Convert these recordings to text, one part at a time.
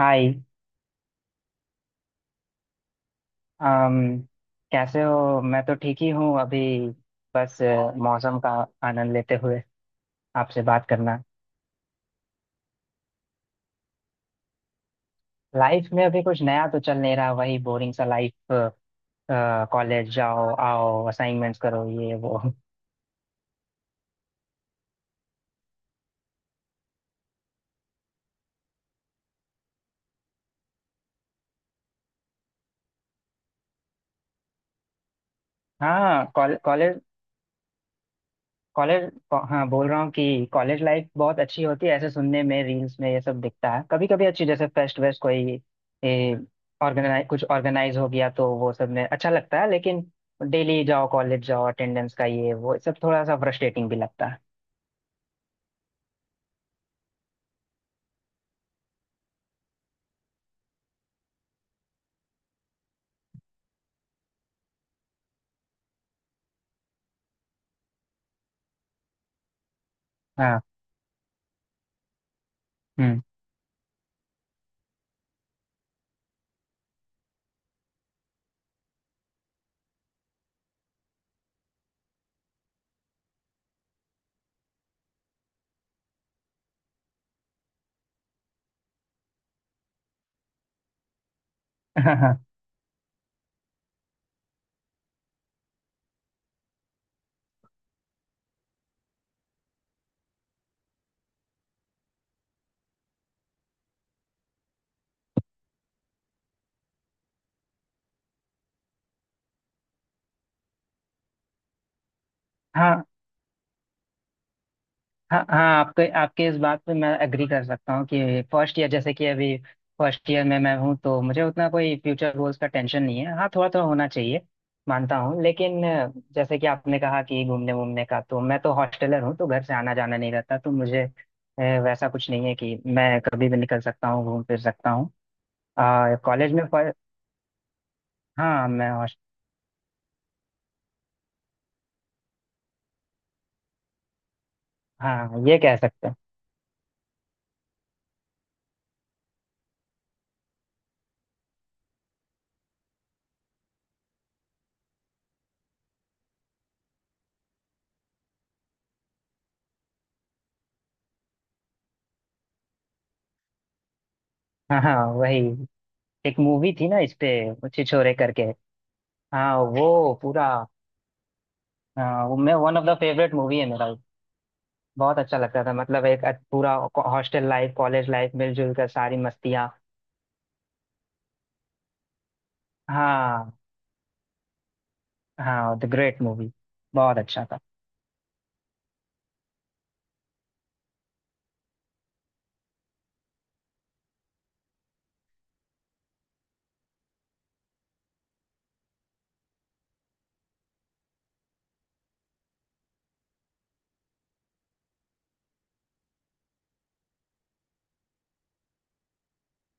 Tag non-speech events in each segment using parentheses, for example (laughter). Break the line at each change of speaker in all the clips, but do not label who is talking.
हाय। अम कैसे हो? मैं तो ठीक ही हूँ अभी। बस मौसम का आनंद लेते हुए आपसे बात करना। लाइफ में अभी कुछ नया तो चल नहीं रहा, वही बोरिंग सा लाइफ। कॉलेज जाओ आओ, असाइनमेंट्स करो, ये वो। हाँ कॉलेज। कॉलेज। हाँ, बोल रहा हूँ कि कॉलेज लाइफ बहुत अच्छी होती है ऐसे सुनने में, रील्स में ये सब दिखता है, कभी कभी अच्छी जैसे फेस्ट वेस्ट कोई ऑर्गेनाइज कुछ ऑर्गेनाइज हो गया तो वो सब में अच्छा लगता है, लेकिन डेली जाओ कॉलेज जाओ अटेंडेंस का ये वो सब थोड़ा सा फ्रस्ट्रेटिंग भी लगता है। हाँ। हम्म। (laughs) हाँ। हाँ। हाँ, हाँ, आपके आपके इस बात पे मैं एग्री कर सकता हूँ कि फर्स्ट ईयर जैसे कि अभी फर्स्ट ईयर में मैं हूँ, तो मुझे उतना कोई फ्यूचर गोल्स का टेंशन नहीं है। हाँ थोड़ा थोड़ा होना चाहिए, मानता हूँ, लेकिन जैसे कि आपने कहा कि घूमने वूमने का, तो मैं तो हॉस्टलर हूँ, तो घर से आना जाना नहीं रहता, तो मुझे वैसा कुछ नहीं है कि मैं कभी भी निकल सकता हूँ घूम फिर सकता हूँ। कॉलेज में। हाँ, मैं। हॉस्ट हाँ, ये कह सकते हैं। हाँ हाँ, वही एक मूवी थी ना इस पे, छिछोरे करके। हाँ वो पूरा। हाँ, वो मैं one of the favourite movie है मेरा वो। बहुत अच्छा लगता था, मतलब एक पूरा हॉस्टल लाइफ कॉलेज लाइफ मिलजुल कर सारी मस्तियाँ। हाँ। हाँ द ग्रेट मूवी। बहुत अच्छा था।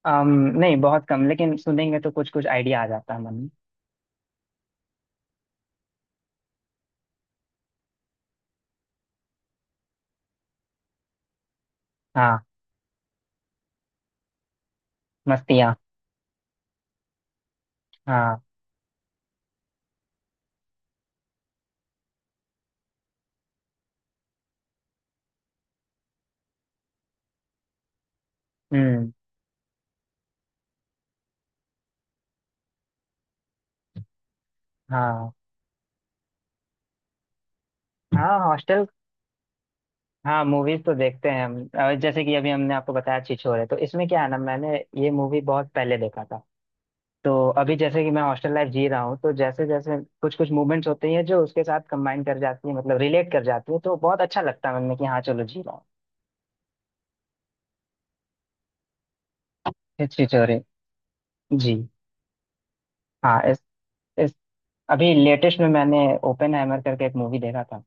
अम नहीं, बहुत कम, लेकिन सुनेंगे तो कुछ कुछ आइडिया आ जाता है मन में। हाँ मस्तियाँ। हाँ। हम्म। हाँ। हाँ हॉस्टल। हाँ, मूवीज तो देखते हैं हम, जैसे कि अभी हमने आपको बताया छिछोरे, तो इसमें क्या है ना, मैंने ये मूवी बहुत पहले देखा था, तो अभी जैसे कि मैं हॉस्टल लाइफ जी रहा हूँ, तो जैसे जैसे कुछ कुछ मूवमेंट्स होते हैं जो उसके साथ कंबाइन कर जाती है, मतलब रिलेट कर जाती है, तो बहुत अच्छा लगता है मन में कि हाँ चलो, जी रहा हूँ। हिस्ट्री चोरी। जी। हाँ इस अभी लेटेस्ट में मैंने ओपन हैमर करके एक मूवी देखा था।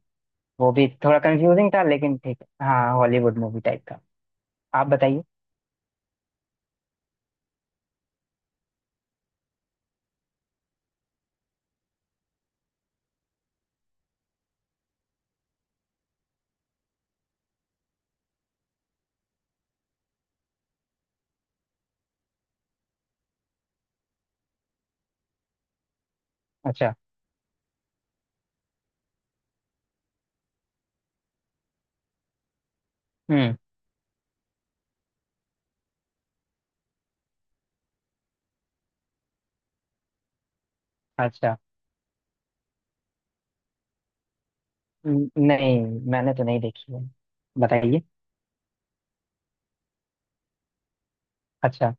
वो भी थोड़ा कंफ्यूजिंग था, लेकिन ठीक है। हाँ, हॉलीवुड मूवी टाइप का। आप बताइए। अच्छा। हम्म। अच्छा। नहीं, मैंने तो नहीं देखी है। बताइए। अच्छा।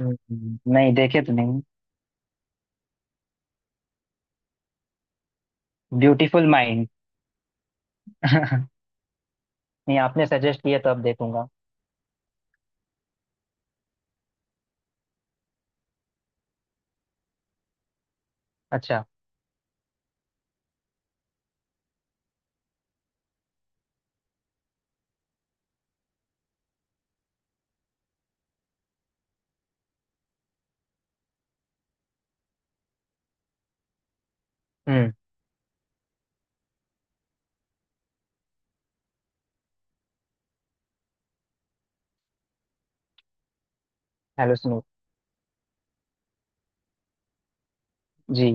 नहीं देखे तो नहीं। Beautiful mind. (laughs) नहीं, आपने सजेस्ट किया तो अब देखूंगा। अच्छा। हम्म। हेलो सुनो। जी।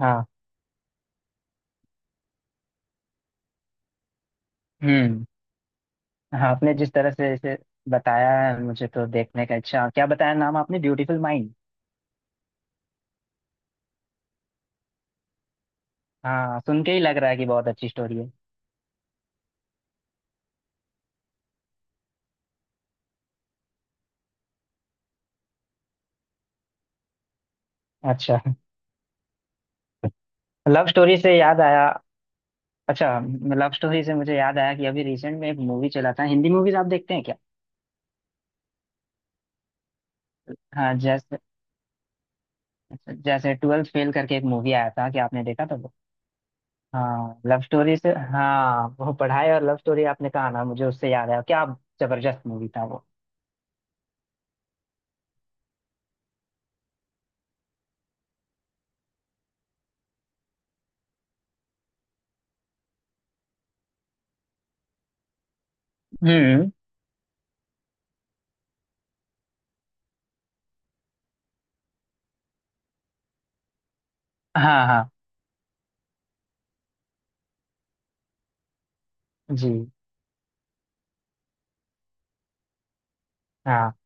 हाँ। हम्म। हाँ, आपने जिस तरह से इसे बताया है, मुझे तो देखने का। अच्छा, क्या बताया नाम आपने? Beautiful mind. हाँ, सुन के ही लग रहा है कि बहुत अच्छी स्टोरी है। अच्छा, लव स्टोरी से याद आया। अच्छा, लव स्टोरी से मुझे याद आया कि अभी रिसेंट में एक मूवी चला था। हिंदी मूवीज आप देखते हैं क्या? हाँ जैसे, अच्छा, जैसे ट्वेल्थ फेल करके एक मूवी आया था कि आपने देखा था? हाँ, लव स्टोरी से। हाँ, वो पढ़ाई और लव स्टोरी आपने कहा ना, मुझे उससे याद आया। क्या जबरदस्त मूवी था वो। हम्म। हाँ। हाँ। जी। हाँ।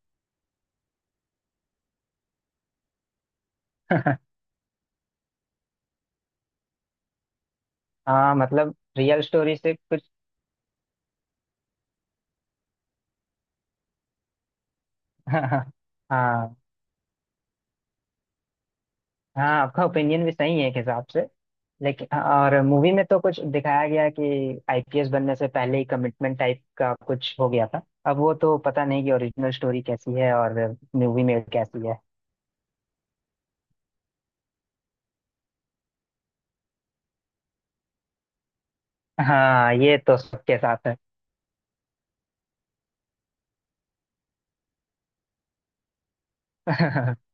(laughs) हाँ, मतलब रियल स्टोरी से कुछ। (laughs) हाँ, हाँ, हाँ, आपका ओपिनियन भी सही है एक हिसाब से, लेकिन और मूवी में तो कुछ दिखाया गया है कि आईपीएस बनने से पहले ही कमिटमेंट टाइप का कुछ हो गया था। अब वो तो पता नहीं कि ओरिजिनल स्टोरी कैसी है और मूवी में कैसी है। हाँ, ये तो सबके साथ है। (laughs)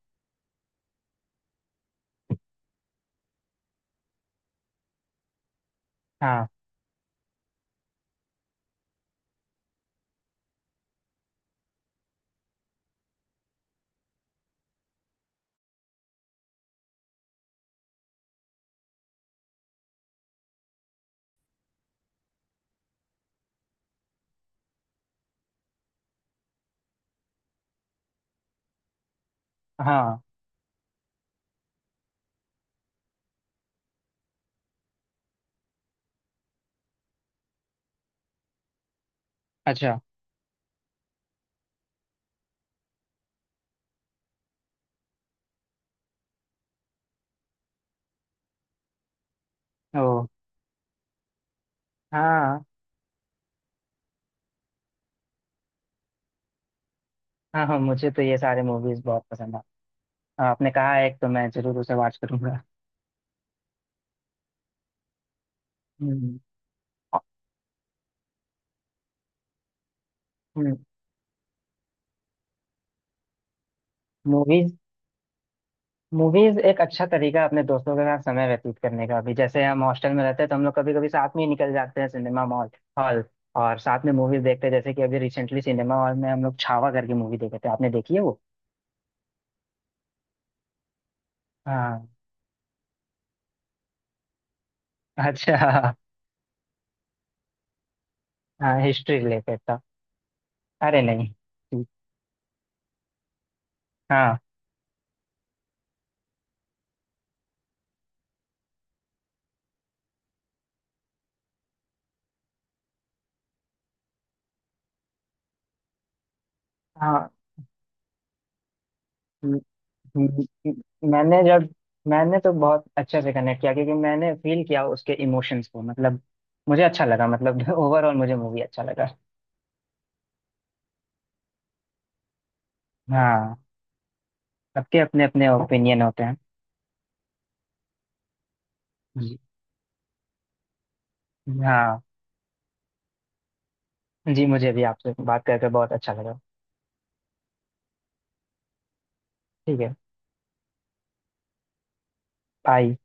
हाँ। हाँ। अच्छा। ओ। हाँ। हाँ, हाँ, मुझे तो ये सारे मूवीज बहुत पसंद है। आपने कहा है एक तो मैं जरूर उसे वॉच करूंगा। हम्म। अ- हम्म। मूवीज मूवीज एक अच्छा तरीका है अपने दोस्तों के साथ समय व्यतीत करने का भी, जैसे हम हॉस्टल में रहते हैं, तो हम लोग कभी कभी साथ में ही निकल जाते हैं सिनेमा मॉल हॉल, और साथ में मूवीज देखते हैं, जैसे कि अभी रिसेंटली सिनेमा हॉल में हम लोग छावा करके मूवी देखे थे। आपने देखी है वो? हाँ। अच्छा। हाँ, हिस्ट्री रिलेटेड था। अरे नहीं। हाँ। हाँ। म- मैंने जब मैंने तो बहुत अच्छे से कनेक्ट किया, क्योंकि मैंने फील किया उसके इमोशंस को, मतलब मुझे अच्छा लगा, मतलब (laughs) ओवरऑल मुझे मूवी अच्छा लगा। हाँ, सबके अपने अपने ओपिनियन होते हैं। जी। हाँ। जी, मुझे भी आपसे बात करके बहुत अच्छा लगा। ठीक है। बाय।